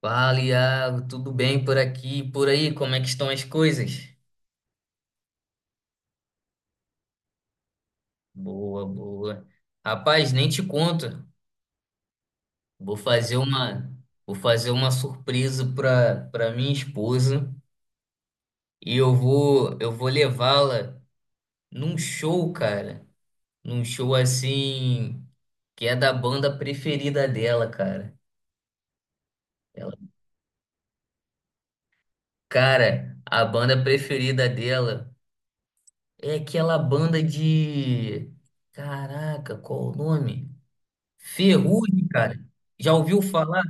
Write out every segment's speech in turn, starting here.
Fala, Iago, tudo bem por aqui, e por aí, como é que estão as coisas? Boa, boa. Rapaz, nem te conto. Vou fazer uma, vou fazer uma surpresa para minha esposa e eu vou levá-la num show, cara. Num show assim que é da banda preferida dela, cara. Ela, cara, a banda preferida dela é aquela banda de Caraca, qual o nome? Ferrugem, cara. Já ouviu falar?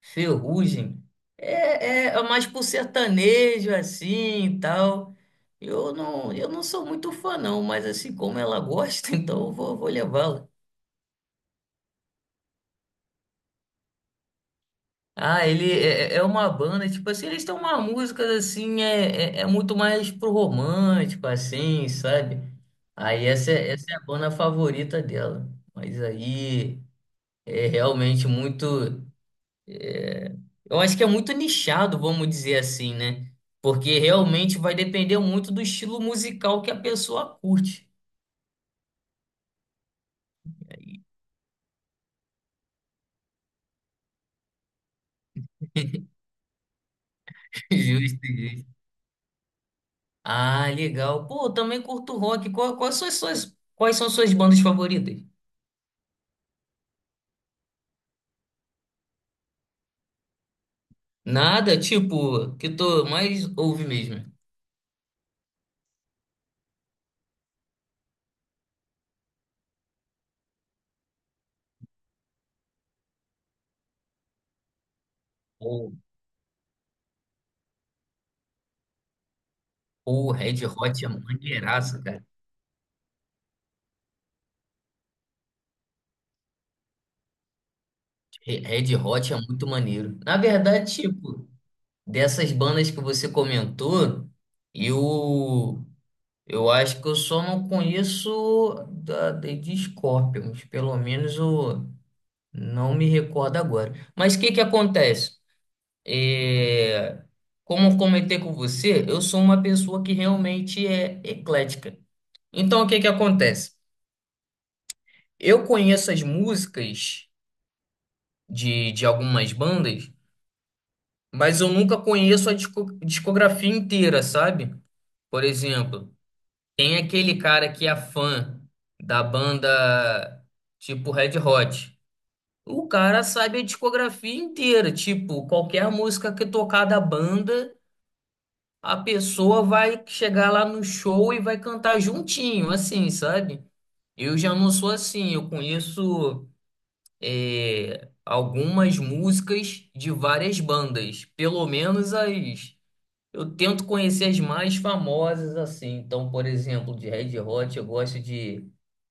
Ferrugem. É, é mais pro sertanejo, assim, e tal. Eu não sou muito fã, não. Mas, assim, como ela gosta, então eu vou, vou levá-la. Ah, ele é é uma banda, tipo assim, eles têm uma música, assim, é muito mais pro romântico, assim, sabe? Aí essa é a banda favorita dela. Mas aí é realmente muito. Eu acho que é muito nichado, vamos dizer assim, né? Porque realmente vai depender muito do estilo musical que a pessoa curte. Justo, justo. Ah, legal. Pô, eu também curto rock. Quais são as quais são as suas bandas favoritas? Nada, tipo, que tu mais ouve mesmo. Pô, pô, Red Hot é maneiraço, cara. Red Hot é muito maneiro. Na verdade, tipo, dessas bandas que você comentou, eu. Eu acho que eu só não conheço de Scorpions, pelo menos eu não me recordo agora. Mas o que que acontece? É, como eu comentei com você, eu sou uma pessoa que realmente é eclética. Então o que que acontece? Eu conheço as músicas de algumas bandas, mas eu nunca conheço a discografia inteira, sabe? Por exemplo. Tem aquele cara que é fã da banda tipo Red Hot. O cara sabe a discografia inteira. Tipo, qualquer música que tocar da banda, a pessoa vai chegar lá no show e vai cantar juntinho, assim, sabe? Eu já não sou assim. Eu conheço algumas músicas de várias bandas, pelo menos as. Eu tento conhecer as mais famosas assim. Então, por exemplo, de Red Hot, eu gosto de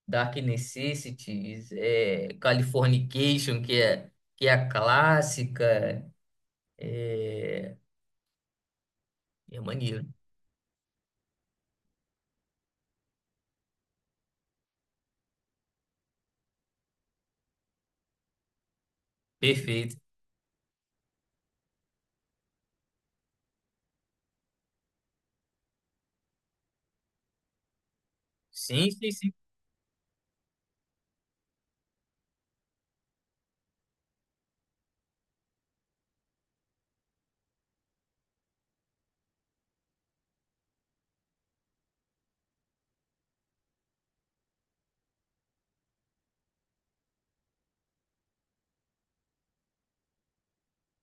Dark Necessities, é, Californication, que é a clássica. É, é maneiro. Perfeito. Sim, sim, sim.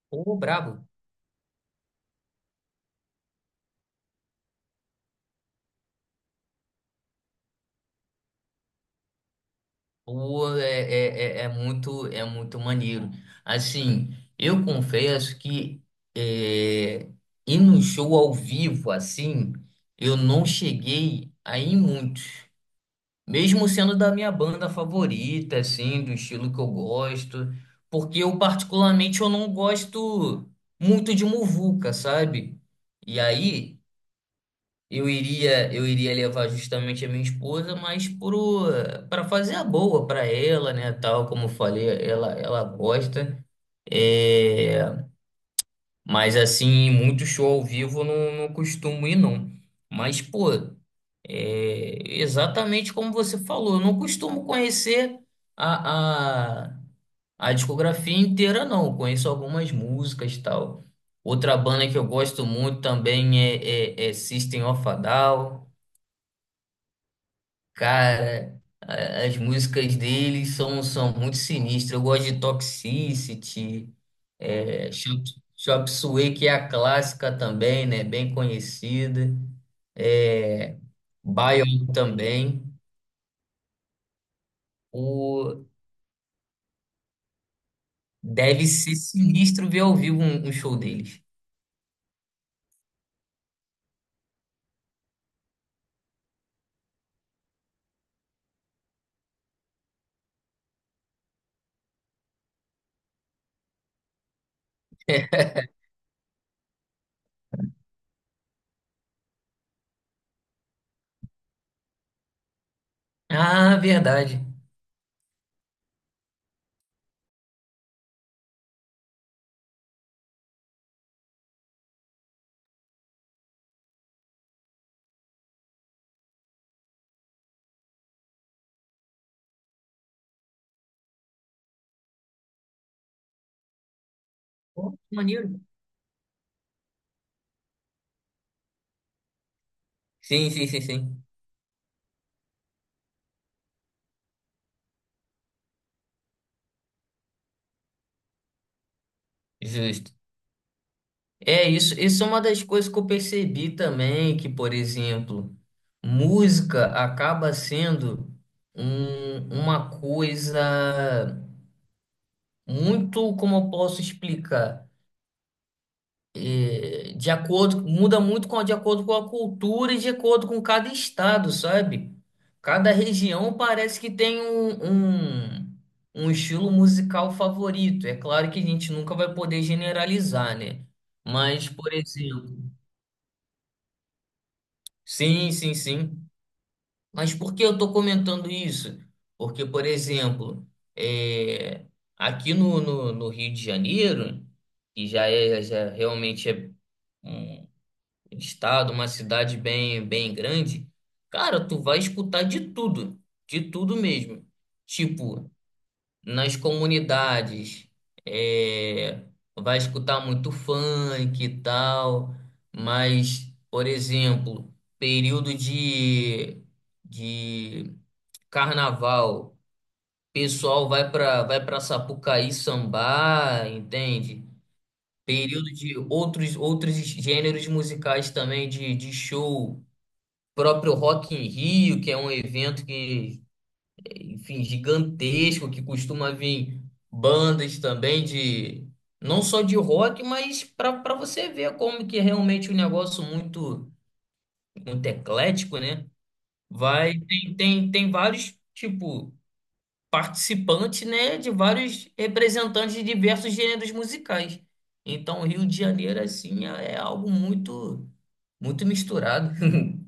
Pô, brabo. Pô, é é muito maneiro. Assim, eu confesso que é, ir no show ao vivo, assim, eu não cheguei a ir muito. Mesmo sendo da minha banda favorita, assim, do estilo que eu gosto, porque eu particularmente eu não gosto muito de muvuca, sabe? E aí eu iria levar justamente a minha esposa, mas pro para fazer a boa para ela, né, tal, como eu falei, ela gosta. É, mas assim, muito show ao vivo eu não, não costumo ir, não. Mas, pô, é exatamente como você falou, eu não costumo conhecer a, a, a discografia inteira, não. Eu conheço algumas músicas e tal. Outra banda que eu gosto muito também é, é System of a Down. Cara, as músicas dele são, são muito sinistras. Eu gosto de Toxicity, é, Chop Suey, que é a clássica também, né? Bem conhecida. É, Bion também. O, deve ser sinistro ver ao vivo um, um show deles. Ah, verdade. Pô, que maneiro. Sim, sim, sim, sim. Justo. É isso, isso é uma das coisas que eu percebi também, que, por exemplo, música acaba sendo uma coisa muito, como eu posso explicar, é, de acordo, muda muito com, de acordo com a cultura e de acordo com cada estado, sabe? Cada região parece que tem um, um estilo musical favorito. É claro que a gente nunca vai poder generalizar, né? Mas, por exemplo, sim, sim, sim. Mas por que eu estou comentando isso? Porque, por exemplo, é, aqui no Rio de Janeiro, que já realmente é um estado, uma cidade bem, bem grande, cara, tu vai escutar de tudo mesmo. Tipo, nas comunidades é, vai escutar muito funk e tal, mas, por exemplo, período de carnaval, pessoal vai para Sapucaí sambar, entende? Período de outros outros gêneros musicais também de show, próprio Rock in Rio, que é um evento que enfim, gigantesco, que costuma vir bandas também de, não só de rock, mas para você ver como que é realmente um negócio muito, muito eclético, né? Vai, tem vários, tipo, participantes, né, de vários representantes de diversos gêneros musicais. Então, o Rio de Janeiro, assim, é algo muito, muito misturado.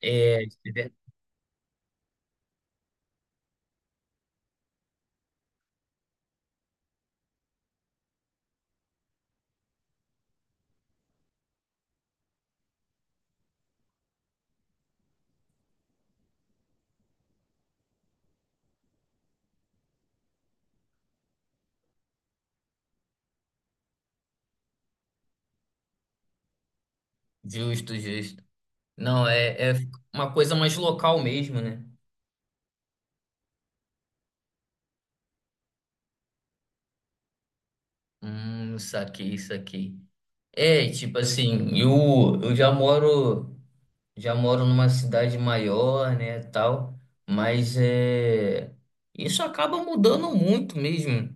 É, justo, justo. Não, é uma coisa mais local mesmo, né? Saquei, saquei. É, tipo assim, já moro numa cidade maior, né, tal, mas é, isso acaba mudando muito mesmo,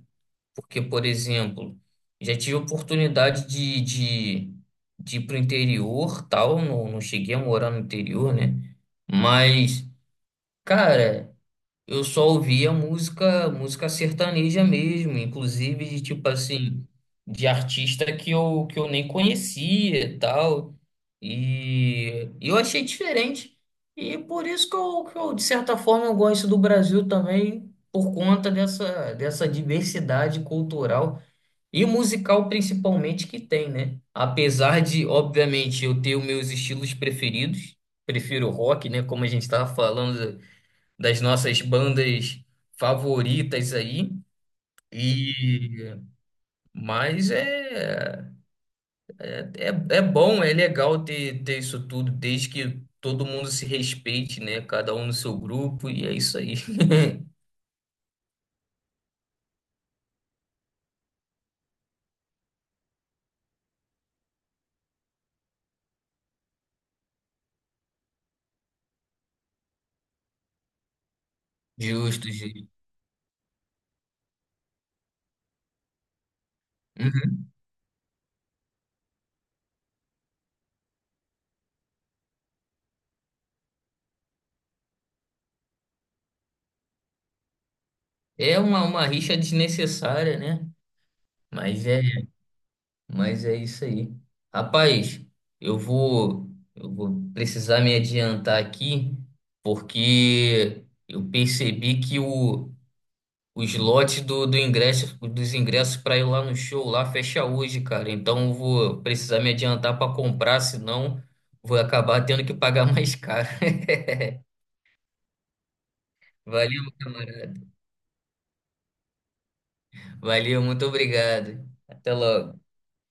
porque, por exemplo, já tive oportunidade de ir pro interior, tal, não, não cheguei a morar no interior, né, mas, cara... Eu só ouvia música, música sertaneja mesmo, inclusive de tipo assim, de artista que eu nem conhecia e tal. E eu achei diferente. E por isso que eu, de certa forma, eu gosto do Brasil também, por conta dessa, dessa diversidade cultural e musical principalmente que tem, né? Apesar de, obviamente, eu ter os meus estilos preferidos, prefiro rock, né? Como a gente estava falando das nossas bandas favoritas aí. E mas é, é, é bom, é legal ter, ter isso tudo, desde que todo mundo se respeite, né? Cada um no seu grupo, e é isso aí. Justo, Gil. Uhum. É uma rixa desnecessária, né? Mas é, mas é isso aí. Rapaz, eu vou, eu vou precisar me adiantar aqui, porque eu percebi que o os lotes do ingresso, dos ingressos para ir lá no show lá fecha hoje, cara. Então eu vou precisar me adiantar para comprar, senão vou acabar tendo que pagar mais caro. Valeu, camarada. Valeu, muito obrigado. Até logo.